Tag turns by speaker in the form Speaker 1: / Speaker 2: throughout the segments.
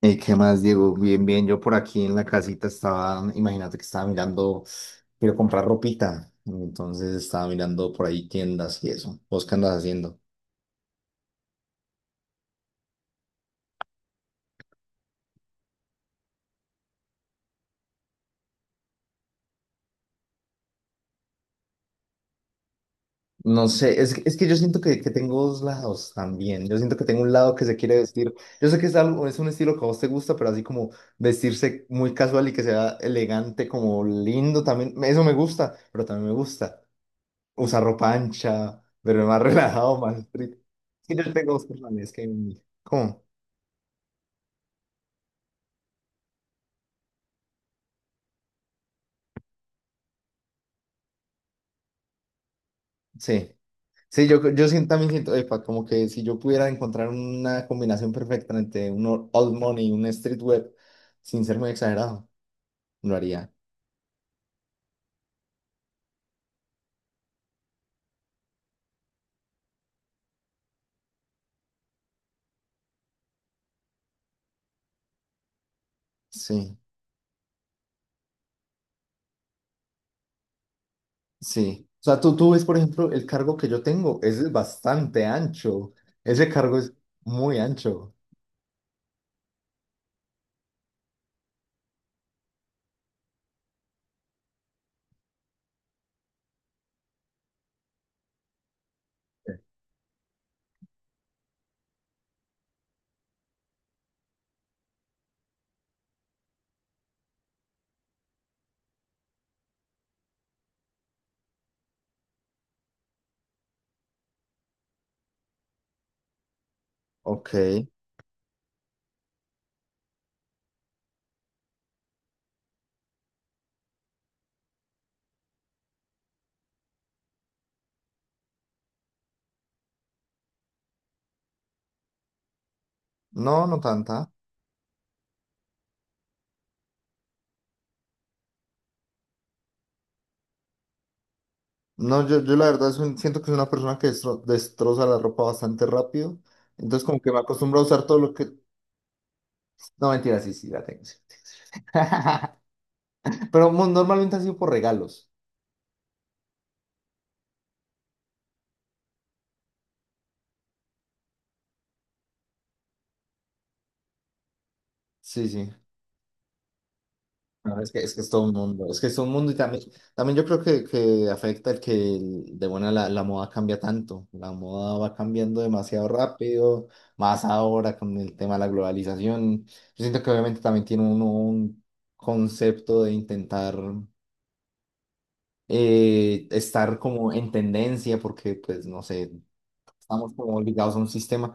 Speaker 1: ¿Qué más, Diego? Bien, bien, yo por aquí en la casita estaba, imagínate que estaba mirando, quiero comprar ropita, entonces estaba mirando por ahí tiendas y eso. ¿Vos qué andas haciendo? No sé, es que yo siento que tengo dos lados también, yo siento que tengo un lado que se quiere vestir, yo sé que es algo, es un estilo que a vos te gusta, pero así como vestirse muy casual y que sea elegante, como lindo también, eso me gusta, pero también me gusta usar ropa ancha, pero más relajado, más street. Es que yo tengo dos personalidades que hay en mí. ¿Cómo? Sí, sí, yo siento, también siento, epa, como que si yo pudiera encontrar una combinación perfecta entre un old money y un street web, sin ser muy exagerado, lo haría. Sí, sí. O sea, tú ves, por ejemplo, el cargo que yo tengo es bastante ancho. Ese cargo es muy ancho. Ok. No, no tanta. No, yo la verdad es siento que es una persona que destroza la ropa bastante rápido. Entonces, como que me acostumbro a usar todo lo que. No, mentira, sí, sí, la tengo. Sí. Pero normalmente ha sido por regalos. Sí, sí. No, es que es todo un mundo. Es que es todo un mundo y también yo creo que afecta de buena la moda cambia tanto. La moda va cambiando demasiado rápido, más ahora con el tema de la globalización. Yo siento que obviamente también tiene uno un concepto de intentar estar como en tendencia porque, pues, no sé, estamos como obligados a un sistema.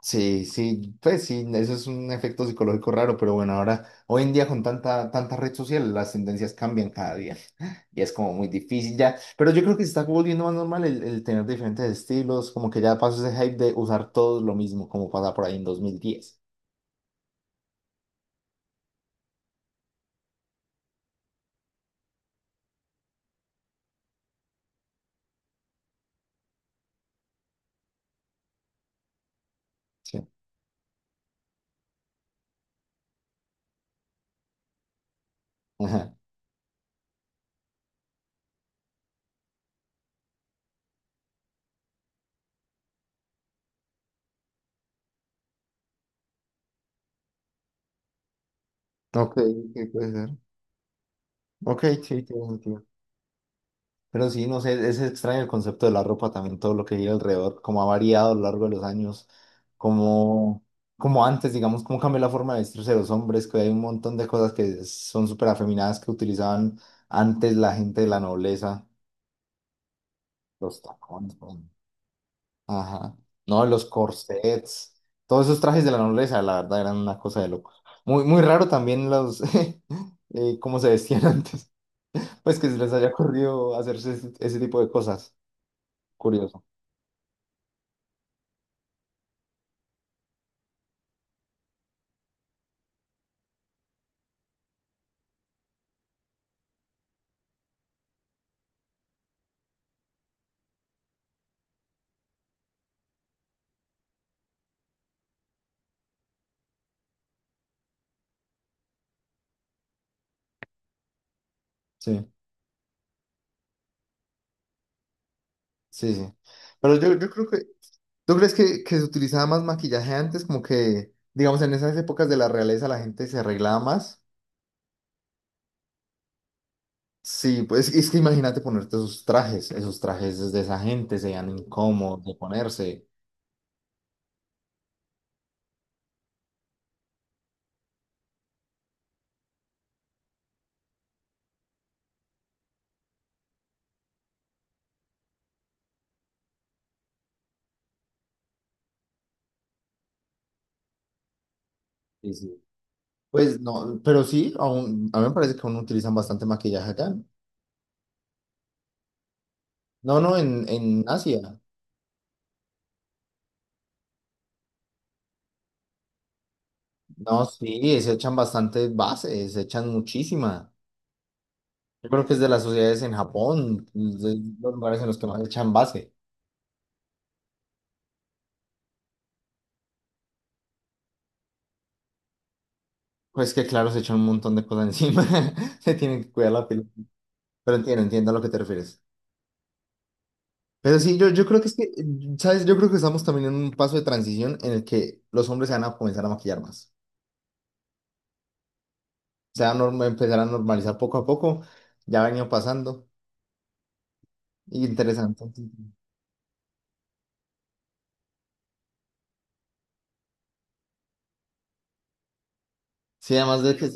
Speaker 1: Sí, sí, pues sí, eso es un efecto psicológico raro, pero bueno, ahora, hoy en día con tanta, tanta red social, las tendencias cambian cada día y es como muy difícil ya, pero yo creo que se está volviendo más normal el tener diferentes estilos, como que ya pasó ese hype de usar todos lo mismo, como pasa por ahí en 2010. Sí. Ajá. Ok, ¿qué puede ser? Ok, sí, tiene sentido. Pero sí, no sé, es extraño el concepto de la ropa también, todo lo que gira alrededor, cómo ha variado a lo largo de los años, como, como antes, digamos, cómo cambió la forma de vestirse de los hombres, que hay un montón de cosas que son súper afeminadas que utilizaban antes la gente de la nobleza, los tacones, pum, ajá, no, los corsets, todos esos trajes de la nobleza, la verdad, eran una cosa de locos. Muy, muy raro también cómo se vestían antes, pues que se les haya ocurrido hacerse ese tipo de cosas, curioso, sí. Sí, sí. Pero yo creo que, ¿tú crees que se utilizaba más maquillaje antes? Como que, digamos, en esas épocas de la realeza la gente se arreglaba más. Sí, pues es que imagínate ponerte esos trajes de esa gente serían incómodos de ponerse. Sí, sí. Pues no, pero sí, aún, a mí me parece que aún utilizan bastante maquillaje acá. No, no, en Asia. No, sí, se echan bastantes bases, se echan muchísima. Yo creo que es de las sociedades en Japón, de los lugares en los que más echan base. Pues que claro, se echan un montón de cosas encima, se tienen que cuidar la piel. Pero entiendo, entiendo a lo que te refieres. Pero sí, yo creo que es que, ¿sabes? Yo creo que estamos también en un paso de transición en el que los hombres se van a comenzar a maquillar más. Se van a empezar a normalizar poco a poco, ya ha venido pasando. Y interesante. Sí, además de que.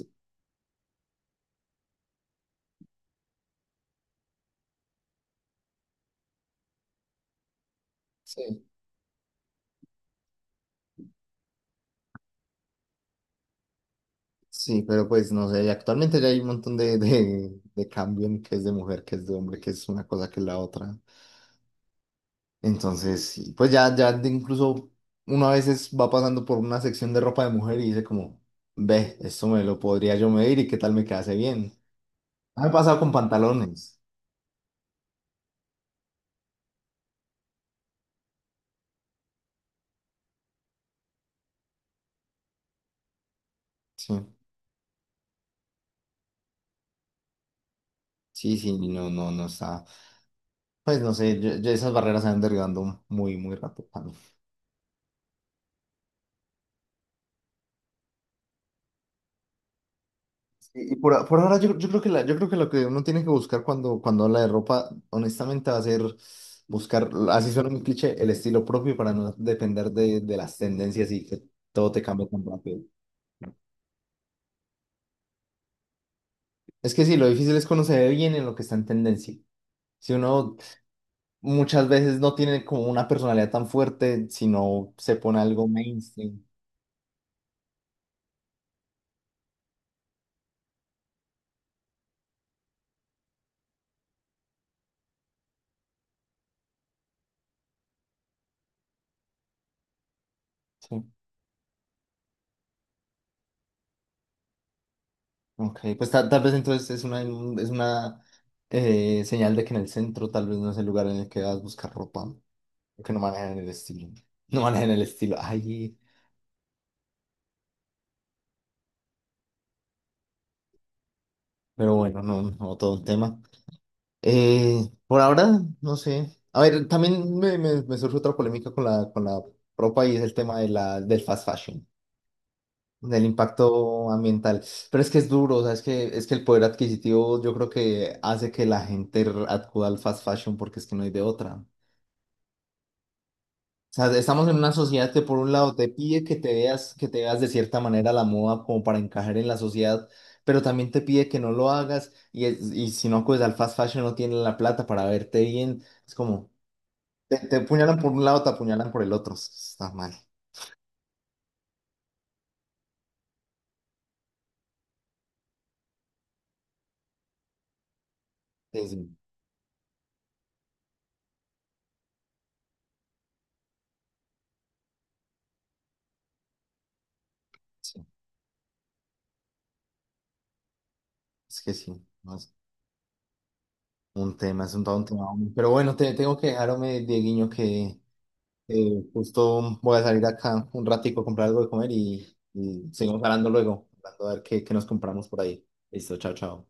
Speaker 1: Sí, sí, pero pues no sé, actualmente ya hay un montón de cambio en qué es de mujer, qué es de hombre, qué es una cosa, que es la otra. Entonces, sí, pues ya, incluso uno a veces va pasando por una sección de ropa de mujer y dice como, ve, esto me lo podría yo medir y qué tal me quedase bien. Ah, me he pasado con pantalones. Sí, sí, sí, no, no, no está. Pues no sé, yo esas barreras se van derribando muy, muy rápido, mano. Y por ahora yo creo que yo creo que lo que uno tiene que buscar cuando habla de ropa, honestamente, va a ser buscar, así suena un cliché, el estilo propio para no depender de las tendencias y que todo te cambie tan rápido. Es que sí, lo difícil es conocer bien en lo que está en tendencia. Si uno muchas veces no tiene como una personalidad tan fuerte, sino se pone algo mainstream. Sí. Ok, pues tal vez entonces es una señal de que en el centro tal vez no es el lugar en el que vas a buscar ropa, que no manejan el estilo. No manejan el estilo. Ay, pero bueno, no, no todo un tema. Por ahora, no sé. A ver, también me surge otra polémica con la con la ropa y es el tema del fast fashion, del impacto ambiental. Pero es que es duro, o sea, es que el poder adquisitivo yo creo que hace que la gente acuda al fast fashion porque es que no hay de otra. O sea, estamos en una sociedad que por un lado te pide que te veas de cierta manera la moda como para encajar en la sociedad, pero también te pide que no lo hagas y, y si no acudes al fast fashion no tienen la plata para verte bien. Es como, te apuñalan por un lado, te apuñalan por el otro. Está mal. Sí, sí, sí. Es que sí. No. Un tema, es un todo un tema, hombre. Pero bueno, te tengo que dejar, hombre, Dieguiño, que justo voy a salir acá un ratico a comprar algo de comer y seguimos hablando luego, hablando a ver qué nos compramos por ahí. Listo, chao, chao.